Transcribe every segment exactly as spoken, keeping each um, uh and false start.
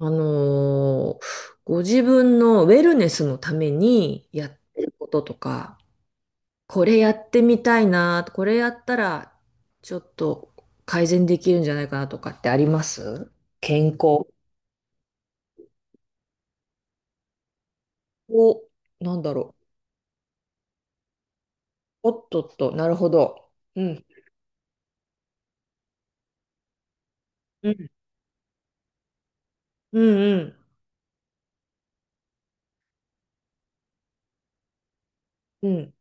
あのーご自分のウェルネスのためにやってることとか、これやってみたいな、これやったらちょっと改善できるんじゃないかなとかってあります健康を、なんだろう。おっとっと、なるほど。うん。うん。うんうん。うん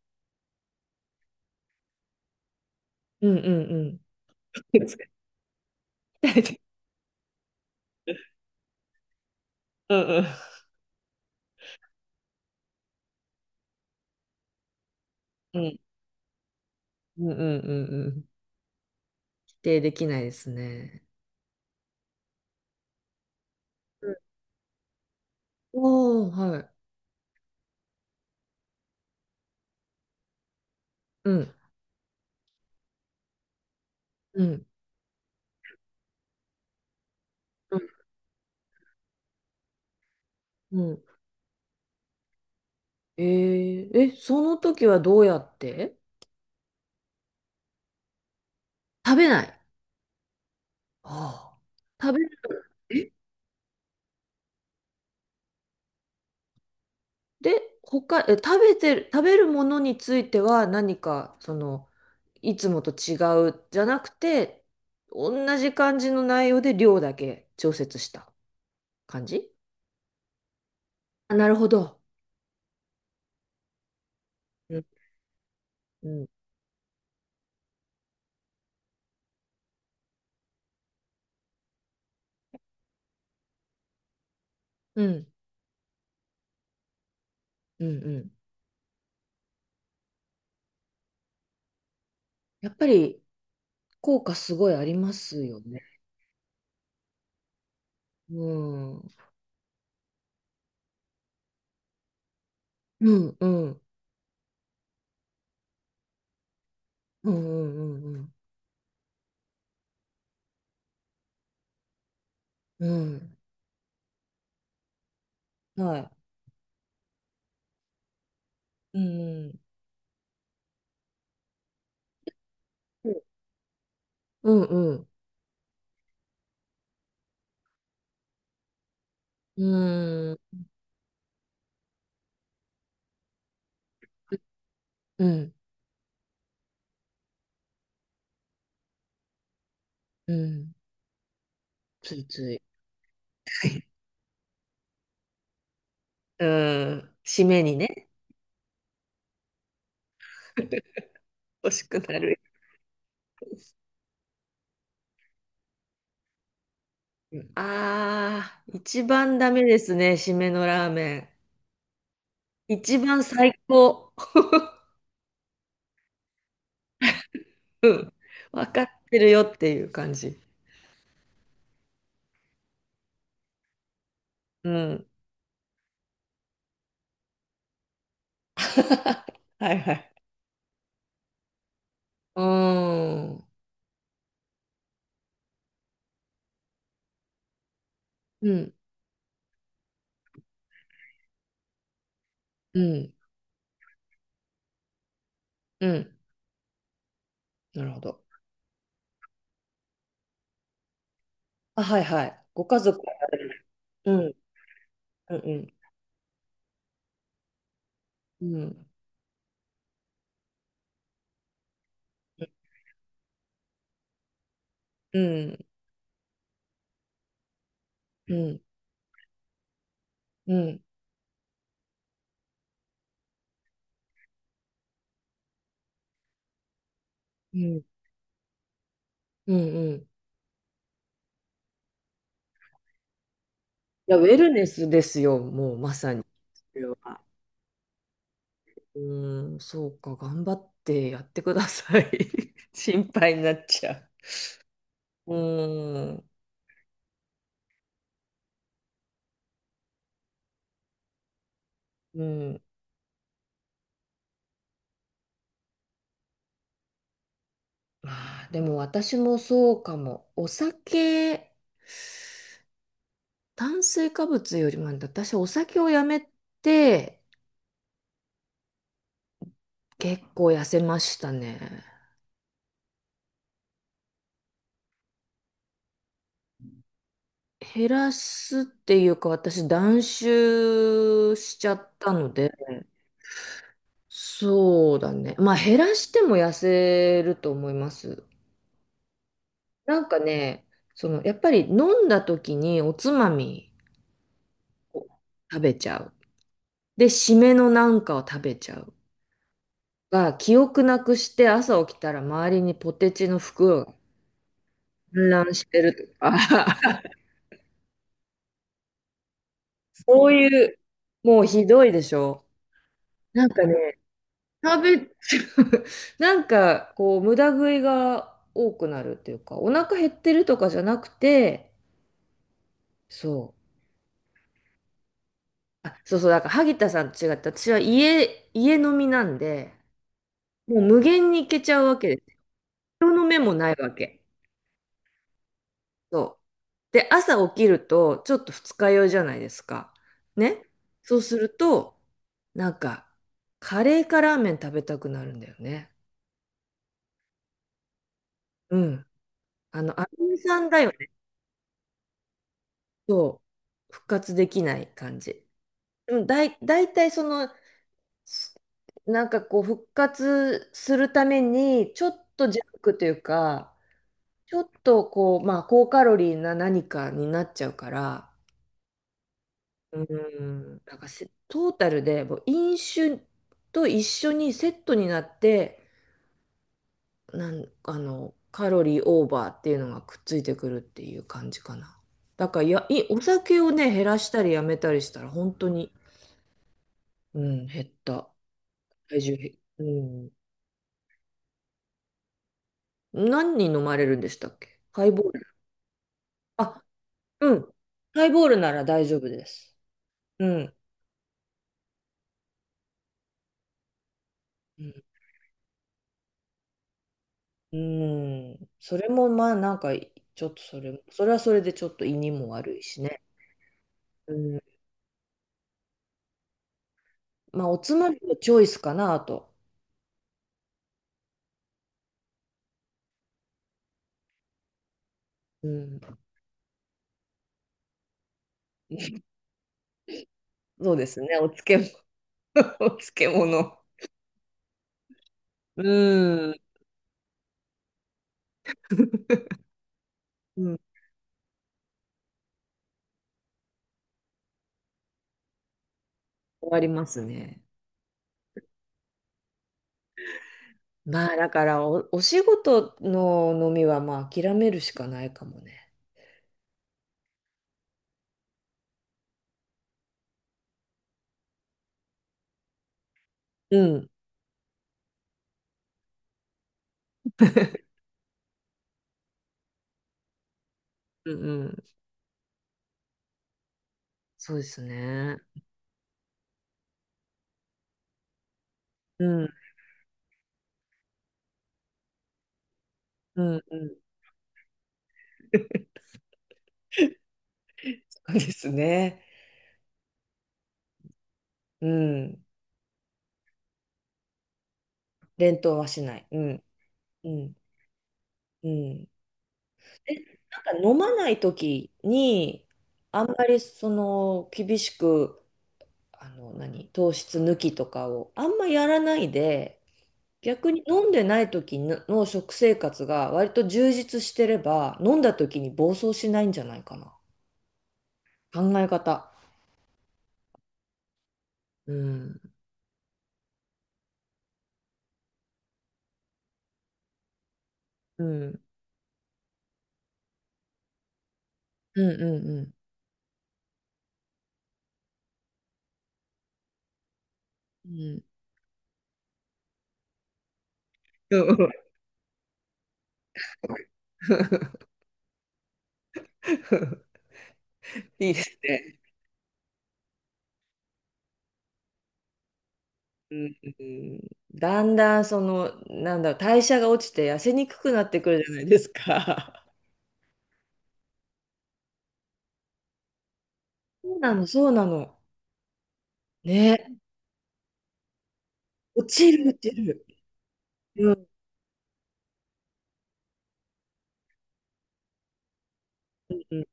うんうんうん。うんうんうんうんうんうんうん否定できないですね。うん。おー、はい。うん。うん。うん。えー、え、その時はどうやって食べない。ああ食べる。え。で、他、え、食べてる、食べるものについては何か、その、いつもと違うじゃなくて、同じ感じの内容で量だけ調節した感じ。あ、なるほど。うん。うん。うん。うん。うん。やっぱり効果すごいありますよね。うん。うん。うん。うん。うん。うん。うん。うん。はい。うん。うん、うん、うん、うーん、うん、ついつい。はい。うん、締めにね、欲しくなる。ああー、一番ダメですね、締めのラーメン。一番最高。わかってるよっていう感じ。うん。はいはい。うーん。うん、うん、うん。なるほど。あ、はいはい。ご家族はやられる。うん、うん、うん、うん、うん、うん、うん、うん。うんうん。いや、ウェルネスですよ、もうまさに。それは。うん、そうか、頑張ってやってください。心配になっちゃう。うん、うん。まあー、でも私もそうかも。お酒、炭水化物よりも、私お酒をやめて結構痩せましたね。減らすっていうか、私断酒しちゃったので、そうだね。まあ減らしても痩せると思います。なんかね、そのやっぱり飲んだ時におつまみを食べちゃう。で、締めのなんかを食べちゃう。が、記憶なくして朝起きたら周りにポテチの袋が散乱してるとか、そういう、もうひどいでしょ。なんかね、食べ、なんかこう無駄食いが多くなるっていうか、お腹減ってるとかじゃなくて、そう。あ、そうそう、だから萩田さんと違って、私は家、家飲みなんで、もう無限に行けちゃうわけです。人の目もないわけ。そう。で、朝起きると、ちょっと二日酔いじゃないですか。ね。そうすると、なんか、カレーかラーメン食べたくなるんだよね。うん。あの、アミさんだよね。そう。復活できない感じ。うん、だい、だいたいその、す、なんかこう、復活するために、ちょっとジャンクというか、ちょっとこう、まあ、高カロリーな何かになっちゃうから、うん、なんかせトータルでもう飲酒と一緒にセットになって、なん、あの、カロリーオーバーっていうのがくっついてくるっていう感じかな。だからや、い、お酒をね、減らしたりやめたりしたら、本当に、うん、減った。体重減、うん。何人飲まれるんでしたっけハイボール。あ、うん。ハイボールなら大丈夫です。うん。うんうん。それもまあなんか、ちょっとそれ、それはそれでちょっと胃にも悪いしね。うん。まあ、おつまみのチョイスかなと。うん。そうですね。お漬物、お漬物。うん。うん。終わりますね。まあ、だからお、お仕事の飲みはまあ諦めるしかないかもね。うん。うんうん。そうですね。うん。うんうん。そうですね。うん。連投はしない。うん。うん。うん。え、なんか飲まない時に、あんまりその厳しく、あの、何、糖質抜きとかをあんまやらないで、逆に飲んでない時のの食生活が割と充実してれば、飲んだ時に暴走しないんじゃないかな。考え方。うん。うん。うんうんうん。うんうん。 いいですね。うんうん。だんだんその、なんだろう、代謝が落ちて痩せにくくなってくるじゃないですか。そうなの、そうなの。ね。落ちる、落ちる。うん、うん、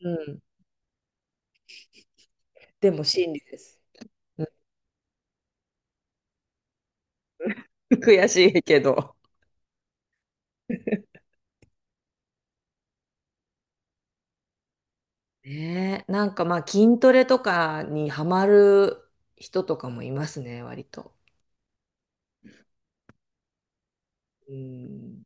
うん。でも真理です。うん。 悔しいけど。ねえ、なんかまあ筋トレとかにハマる人とかもいますね、割と。うん。